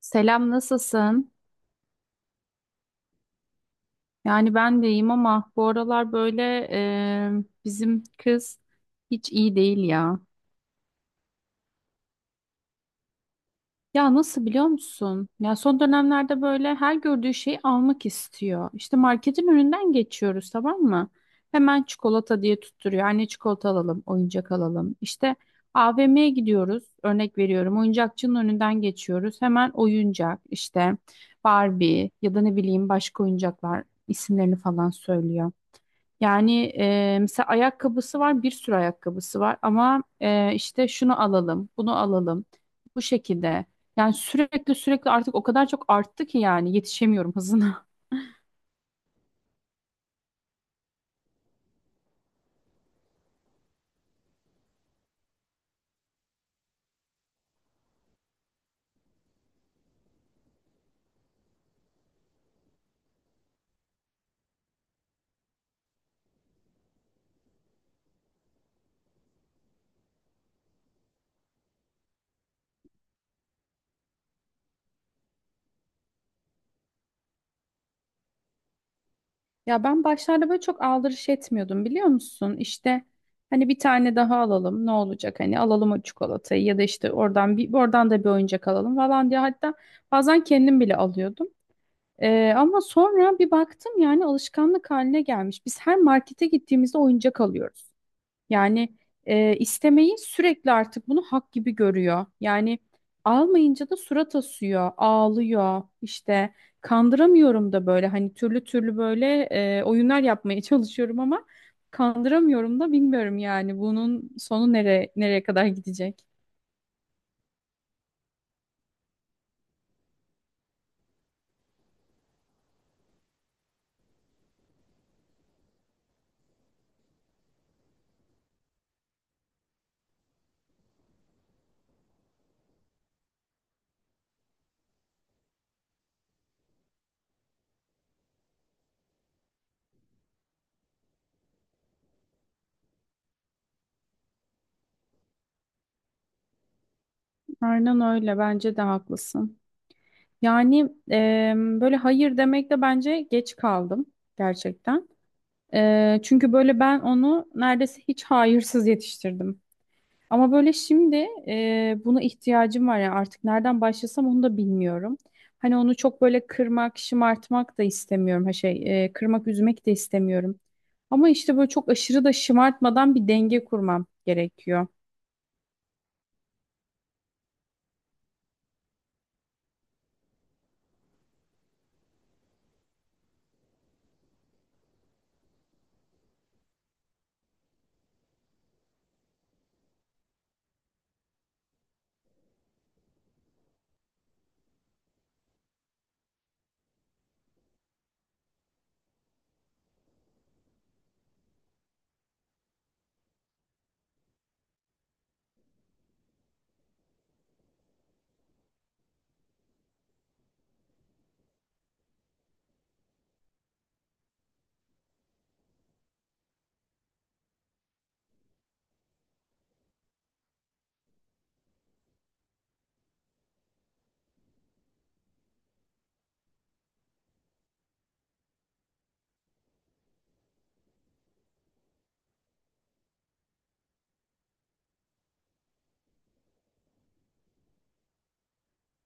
Selam, nasılsın? Yani ben de iyiyim ama bu aralar böyle bizim kız hiç iyi değil ya. Ya nasıl biliyor musun? Ya son dönemlerde böyle her gördüğü şeyi almak istiyor. İşte marketin önünden geçiyoruz, tamam mı? Hemen çikolata diye tutturuyor. Anne, çikolata alalım, oyuncak alalım. İşte AVM'ye gidiyoruz. Örnek veriyorum. Oyuncakçının önünden geçiyoruz. Hemen oyuncak işte Barbie ya da ne bileyim başka oyuncaklar, isimlerini falan söylüyor. Yani mesela ayakkabısı var, bir sürü ayakkabısı var ama işte şunu alalım, bunu alalım, bu şekilde. Yani sürekli sürekli artık o kadar çok arttı ki, yani yetişemiyorum hızına. Ya ben başlarda böyle çok aldırış etmiyordum, biliyor musun? İşte hani bir tane daha alalım ne olacak, hani alalım o çikolatayı ya da işte oradan bir, oradan da bir oyuncak alalım falan diye, hatta bazen kendim bile alıyordum. Ama sonra bir baktım, yani alışkanlık haline gelmiş. Biz her markete gittiğimizde oyuncak alıyoruz. Yani istemeyi sürekli artık bunu hak gibi görüyor. Yani almayınca da surat asıyor, ağlıyor. İşte kandıramıyorum da böyle, hani türlü türlü böyle oyunlar yapmaya çalışıyorum ama kandıramıyorum da, bilmiyorum yani bunun sonu nereye kadar gidecek? Aynen öyle, bence de haklısın. Yani böyle hayır demekte bence geç kaldım gerçekten. Çünkü böyle ben onu neredeyse hiç hayırsız yetiştirdim. Ama böyle şimdi buna ihtiyacım var ya, artık nereden başlasam onu da bilmiyorum. Hani onu çok böyle kırmak, şımartmak da istemiyorum. Ha şey, kırmak, üzmek de istemiyorum. Ama işte böyle çok aşırı da şımartmadan bir denge kurmam gerekiyor.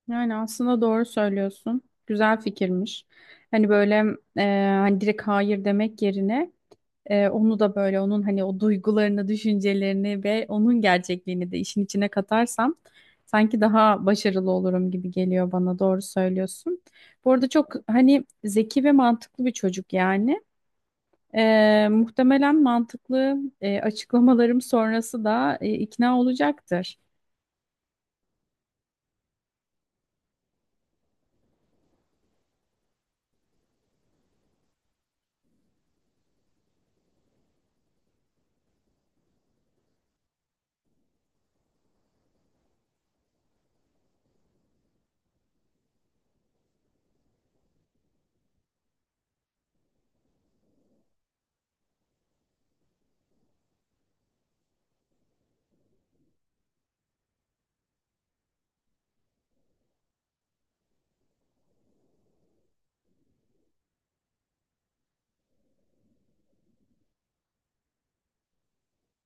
Yani aslında doğru söylüyorsun. Güzel fikirmiş. Hani böyle e, hani direkt hayır demek yerine onu da, böyle onun hani o duygularını, düşüncelerini ve onun gerçekliğini de işin içine katarsam sanki daha başarılı olurum gibi geliyor bana. Doğru söylüyorsun. Bu arada çok hani zeki ve mantıklı bir çocuk yani. Muhtemelen mantıklı açıklamalarım sonrası da ikna olacaktır.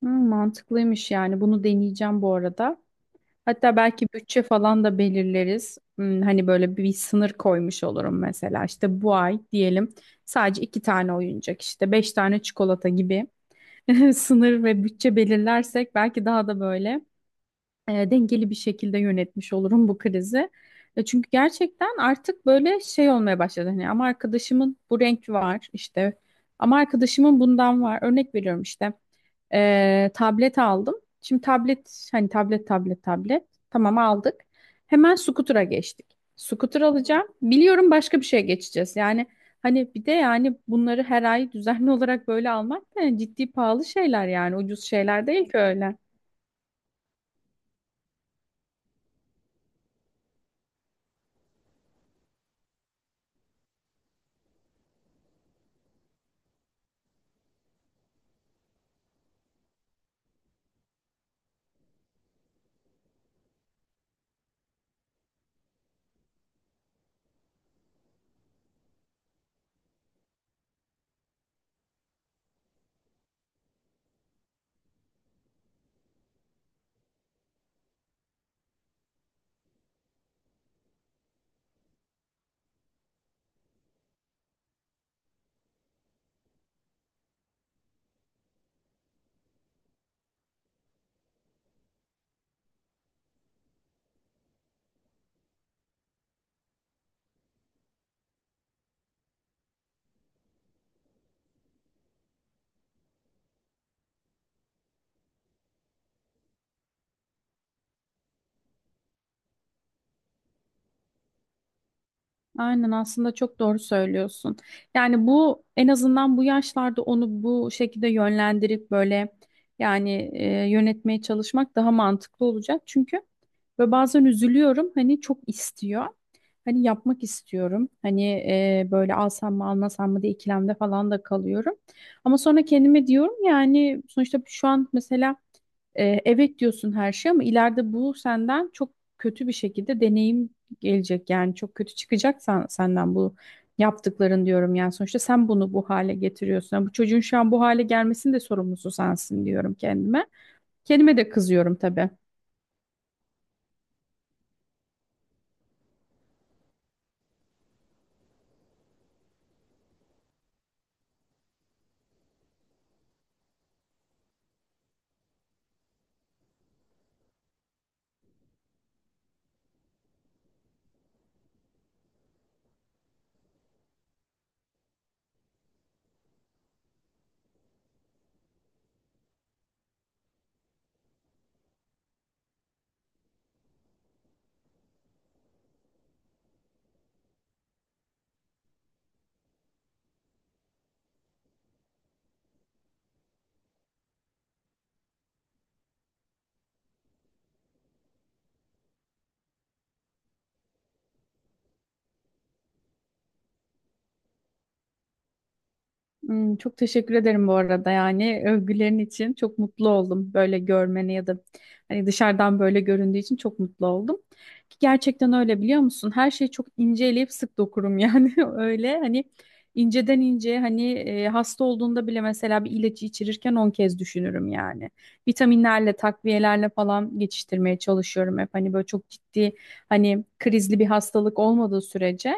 Hmm, mantıklıymış yani. Bunu deneyeceğim bu arada. Hatta belki bütçe falan da belirleriz. Hani böyle bir sınır koymuş olurum mesela. İşte bu ay diyelim sadece iki tane oyuncak, işte beş tane çikolata gibi sınır ve bütçe belirlersek belki daha da böyle dengeli bir şekilde yönetmiş olurum bu krizi. Çünkü gerçekten artık böyle şey olmaya başladı. Hani ama arkadaşımın bu renk var işte, ama arkadaşımın bundan var. Örnek veriyorum işte, tablet aldım. Şimdi tablet hani tablet tablet tablet, tamam aldık. Hemen scooter'a geçtik. Scooter alacağım. Biliyorum başka bir şeye geçeceğiz. Yani hani bir de yani bunları her ay düzenli olarak böyle almak da, yani ciddi pahalı şeyler, yani ucuz şeyler değil ki öyle. Aynen, aslında çok doğru söylüyorsun. Yani bu en azından bu yaşlarda onu bu şekilde yönlendirip böyle, yani yönetmeye çalışmak daha mantıklı olacak. Çünkü ve bazen üzülüyorum, hani çok istiyor. Hani yapmak istiyorum. Hani böyle alsam mı almasam mı diye ikilemde falan da kalıyorum. Ama sonra kendime diyorum, yani sonuçta şu an mesela evet diyorsun her şey ama ileride bu senden çok kötü bir şekilde deneyim gelecek. Yani çok kötü çıkacak senden bu yaptıkların diyorum. Yani sonuçta sen bunu bu hale getiriyorsun. Yani bu çocuğun şu an bu hale gelmesinin de sorumlusu sensin diyorum kendime. Kendime de kızıyorum tabii. Çok teşekkür ederim bu arada, yani övgülerin için çok mutlu oldum, böyle görmeni ya da hani dışarıdan böyle göründüğü için çok mutlu oldum. Ki gerçekten öyle, biliyor musun? Her şeyi çok ince inceleyip sık dokurum yani, öyle hani inceden ince hani hasta olduğunda bile mesela bir ilacı içirirken 10 kez düşünürüm yani. Vitaminlerle, takviyelerle falan geçiştirmeye çalışıyorum hep, hani böyle çok ciddi hani krizli bir hastalık olmadığı sürece.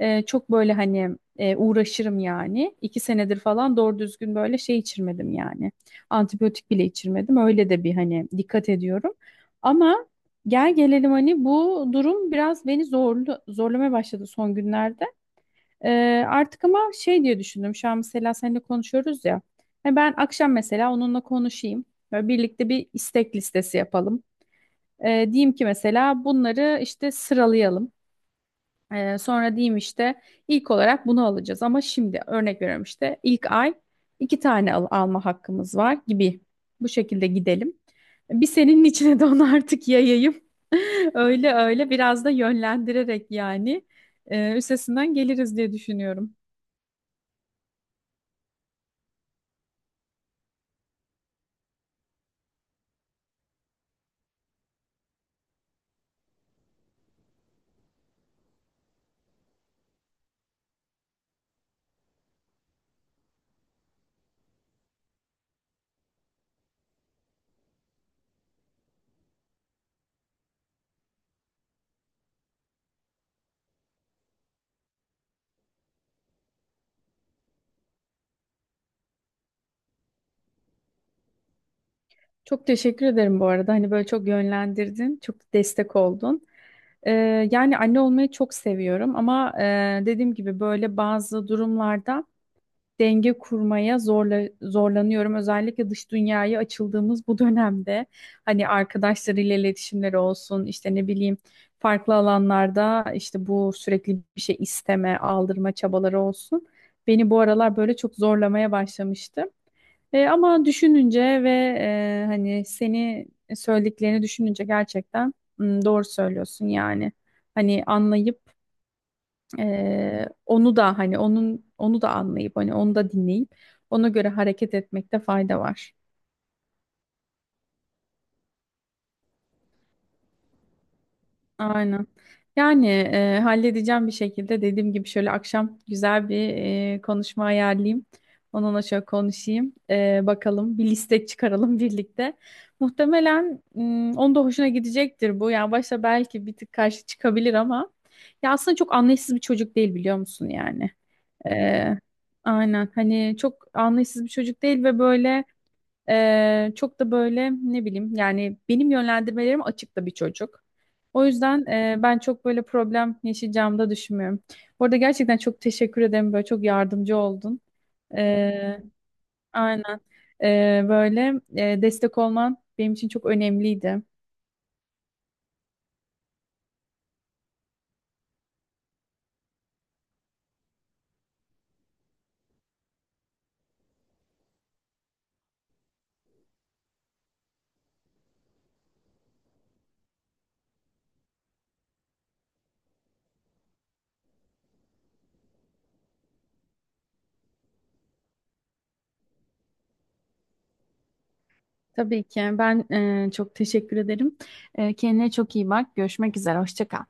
Çok böyle hani uğraşırım yani. 2 senedir falan doğru düzgün böyle şey içirmedim yani. Antibiyotik bile içirmedim. Öyle de bir hani dikkat ediyorum. Ama gel gelelim hani, bu durum biraz beni zorlamaya başladı son günlerde. Artık ama şey diye düşündüm. Şu an mesela seninle konuşuyoruz ya. Hani ben akşam mesela onunla konuşayım. Böyle birlikte bir istek listesi yapalım. Diyeyim ki mesela bunları işte sıralayalım. Sonra diyeyim işte ilk olarak bunu alacağız ama şimdi örnek veriyorum işte, ilk ay iki tane alma hakkımız var gibi, bu şekilde gidelim. Bir senin içine de onu artık yayayım. Öyle öyle, biraz da yönlendirerek yani üstesinden geliriz diye düşünüyorum. Çok teşekkür ederim bu arada. Hani böyle çok yönlendirdin, çok destek oldun. Yani anne olmayı çok seviyorum ama dediğim gibi böyle bazı durumlarda denge kurmaya zorlanıyorum. Özellikle dış dünyaya açıldığımız bu dönemde hani arkadaşlarıyla iletişimleri olsun, işte ne bileyim farklı alanlarda işte bu sürekli bir şey isteme, aldırma çabaları olsun. Beni bu aralar böyle çok zorlamaya başlamıştı. Ama düşününce ve hani seni, söylediklerini düşününce gerçekten doğru söylüyorsun yani. Hani anlayıp onu da hani onu da anlayıp hani onu da dinleyip ona göre hareket etmekte fayda var. Aynen. Yani halledeceğim bir şekilde, dediğim gibi şöyle akşam güzel bir konuşma ayarlayayım. Onunla şöyle konuşayım. Bakalım bir liste çıkaralım birlikte. Muhtemelen onun da hoşuna gidecektir bu. Yani başta belki bir tık karşı çıkabilir ama, ya aslında çok anlayışsız bir çocuk değil, biliyor musun yani. Ee, aynen hani çok anlayışsız bir çocuk değil ve böyle çok da böyle ne bileyim yani benim yönlendirmelerim açık da bir çocuk. O yüzden ben çok böyle problem yaşayacağımı da düşünmüyorum. Bu arada gerçekten çok teşekkür ederim, böyle çok yardımcı oldun. Ee, aynen. Böyle destek olman benim için çok önemliydi. Tabii ki ben çok teşekkür ederim. Kendine çok iyi bak. Görüşmek üzere. Hoşça kal.